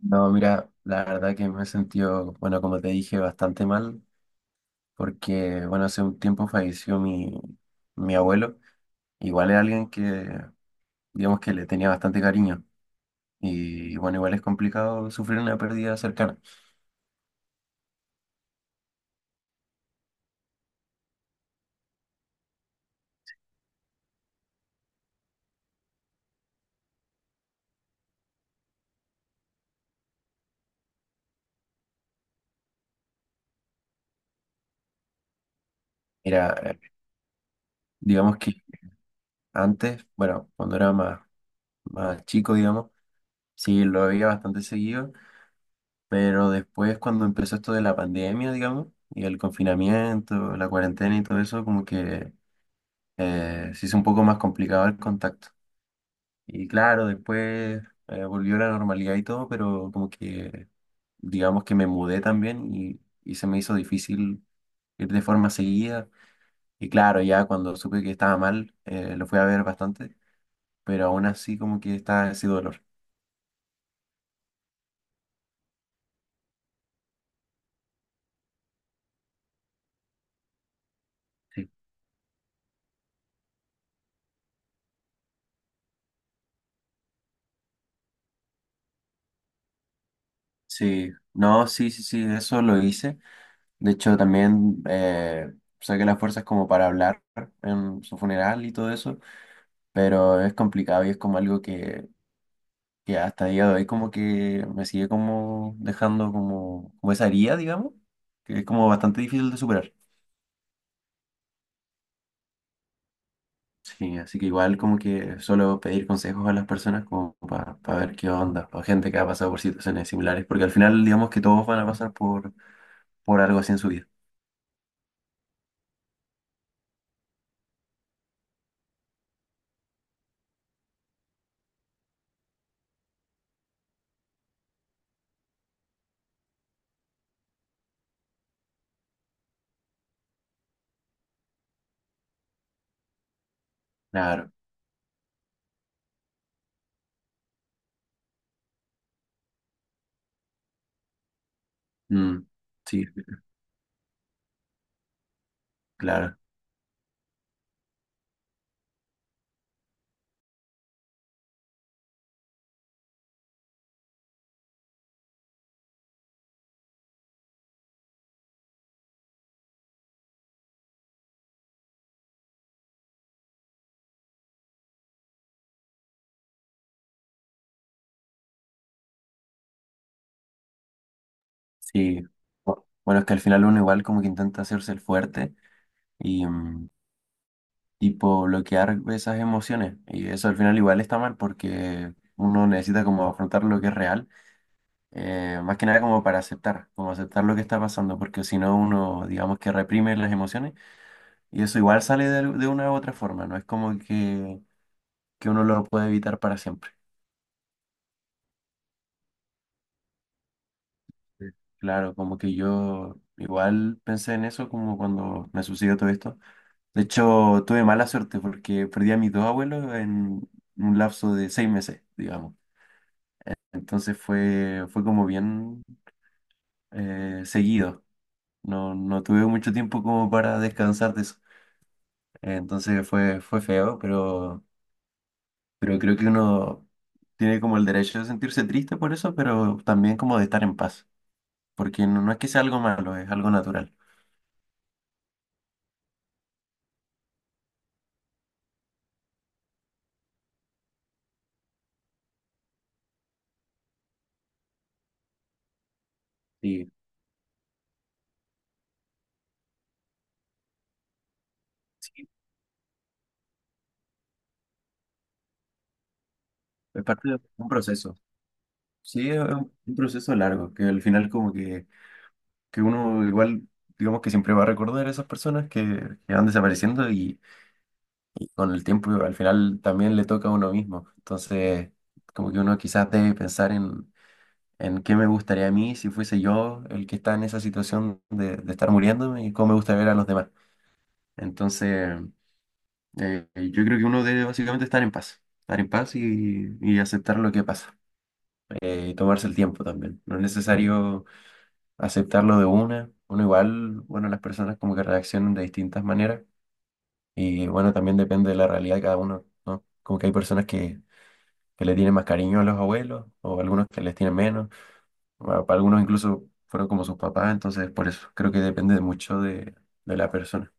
No, mira, la verdad que me he sentido, bueno, como te dije, bastante mal, porque, bueno, hace un tiempo falleció mi abuelo, igual es alguien que, digamos que le tenía bastante cariño, y bueno, igual es complicado sufrir una pérdida cercana. Mira, digamos que antes, bueno, cuando era más chico, digamos, sí, lo veía bastante seguido, pero después cuando empezó esto de la pandemia, digamos, y el confinamiento, la cuarentena y todo eso, se hizo un poco más complicado el contacto. Y claro, después volvió la normalidad y todo, pero como que digamos que me mudé también y se me hizo difícil ir de forma seguida. Y claro, ya cuando supe que estaba mal, lo fui a ver bastante, pero aún así como que está ese dolor. Sí. Sí, no, sí, sí, sí, eso lo hice. De hecho, también saqué las fuerzas como para hablar en su funeral y todo eso, pero es complicado y es como algo que hasta día de hoy como que me sigue como dejando como, como esa herida, digamos, que es como bastante difícil de superar. Sí, así que igual como que suelo pedir consejos a las personas como para ver qué onda, o gente que ha pasado por situaciones similares, porque al final digamos que todos van a pasar por algo así en su vida. Claro, mm, sí, claro, sí. Bueno, es que al final uno igual como que intenta hacerse el fuerte. Y, mm, Tipo bloquear esas emociones. Y eso al final igual está mal porque uno necesita como afrontar lo que es real, más que nada como para aceptar, como aceptar lo que está pasando, porque si no uno digamos que reprime las emociones y eso igual sale de una u otra forma, no es como que uno lo puede evitar para siempre. Sí. Claro, como que yo igual pensé en eso como cuando me sucedió todo esto. De hecho, tuve mala suerte porque perdí a mis dos abuelos en un lapso de seis meses, digamos. Entonces fue como bien seguido. No, no tuve mucho tiempo como para descansar de eso. Entonces fue feo, pero creo que uno tiene como el derecho de sentirse triste por eso, pero también como de estar en paz. Porque no, no es que sea algo malo, es algo natural. Sí, sí, es parte de un proceso. Sí, es un proceso largo, que al final como que uno igual, digamos que siempre va a recordar a esas personas que van desapareciendo con el tiempo al final también le toca a uno mismo. Entonces, como que uno quizás debe pensar en qué me gustaría a mí si fuese yo el que está en esa situación de estar muriéndome y cómo me gusta ver a los demás. Entonces, yo creo que uno debe básicamente estar en paz y aceptar lo que pasa, y tomarse el tiempo también. No es necesario aceptarlo de una. Uno igual, bueno, las personas como que reaccionan de distintas maneras. Y bueno, también depende de la realidad de cada uno, ¿no? Como que hay personas que le tienen más cariño a los abuelos o algunos que les tienen menos. Bueno, para algunos incluso fueron como sus papás, entonces por eso creo que depende de mucho de la persona.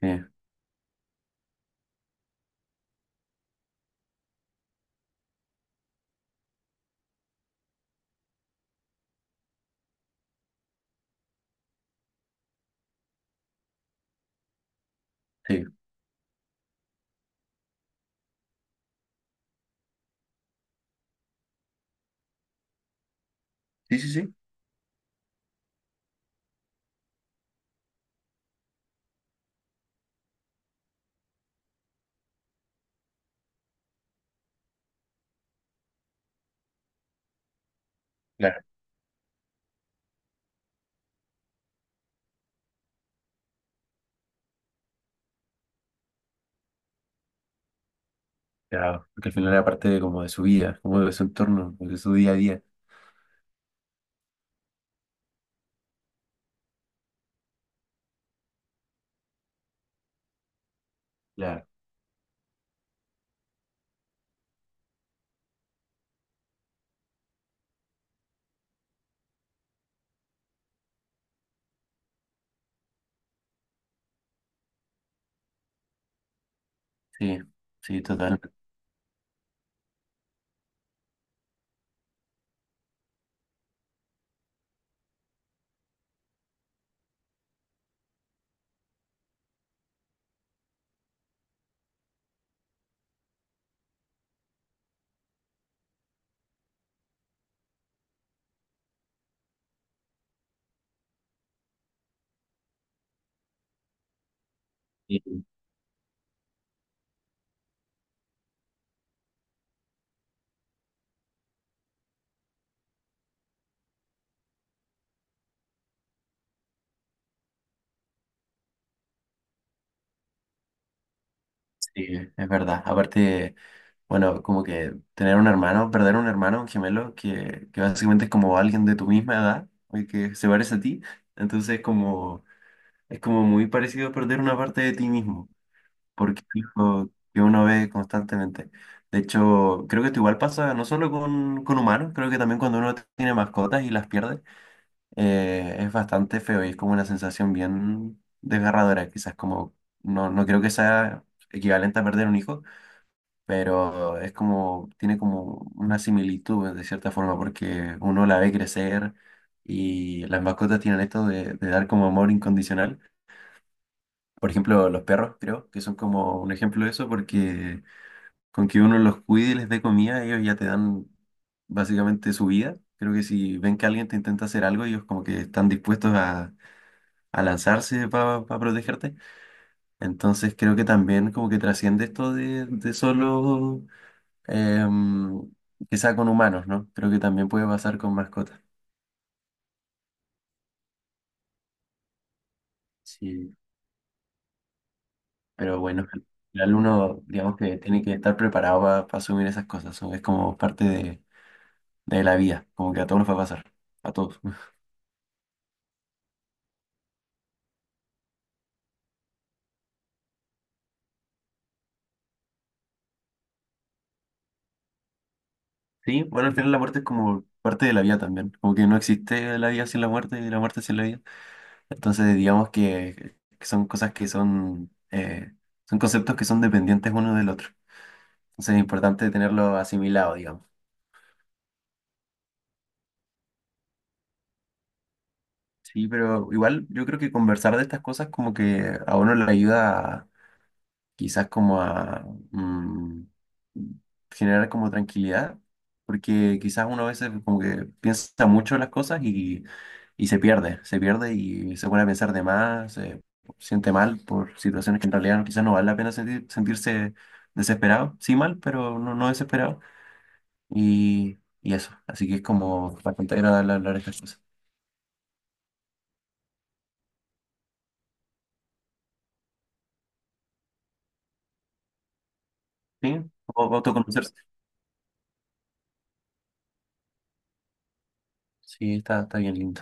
Sí, sí, sí, sí, sí, claro. Claro, porque al final era parte de, como de su vida, como de su entorno, de su día a día. Claro, sí, sí, total. Sí, sí, es verdad. Aparte, bueno, como que tener un hermano, perder un hermano, un gemelo, que básicamente es como alguien de tu misma edad, y que se parece a ti. Entonces, como es como muy parecido a perder una parte de ti mismo, porque es algo que uno ve constantemente. De hecho, creo que esto igual pasa no solo con humanos, creo que también cuando uno tiene mascotas y las pierde, es bastante feo y es como una sensación bien desgarradora, quizás como, no, no creo que sea equivalente a perder un hijo, pero es como, tiene como una similitud de cierta forma, porque uno la ve crecer y las mascotas tienen esto de dar como amor incondicional. Por ejemplo, los perros, creo que son como un ejemplo de eso, porque con que uno los cuide y les dé comida, ellos ya te dan básicamente su vida. Creo que si ven que alguien te intenta hacer algo, ellos como que están dispuestos a lanzarse para protegerte. Entonces creo que también como que trasciende esto de solo em, que sea con humanos, ¿no? Creo que también puede pasar con mascotas. Sí. Pero bueno, al final uno, digamos que tiene que estar preparado para asumir esas cosas, ¿no? Es como parte de la vida, como que a todos nos va a pasar, a todos. Sí, bueno, al final la muerte es como parte de la vida también, como que no existe la vida sin la muerte y la muerte sin la vida. Entonces, digamos que son cosas que son conceptos que son dependientes uno del otro. Entonces, es importante tenerlo asimilado, digamos. Sí, pero igual yo creo que conversar de estas cosas como que a uno le ayuda quizás como a mm, generar como tranquilidad, porque quizás uno a veces como que piensa mucho en las cosas y se pierde y se pone a pensar de más, se siente mal por situaciones que en realidad quizás no vale la pena sentirse desesperado, sí mal, pero no, no desesperado, y eso, así que es como bastante agradable hablar estas cosas. Sí, o autoconocerse. Sí, está, está bien lindo.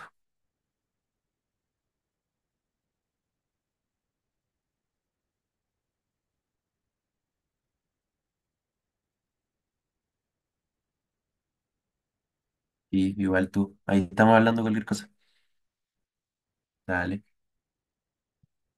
Y igual tú, ahí estamos hablando cualquier cosa. Dale.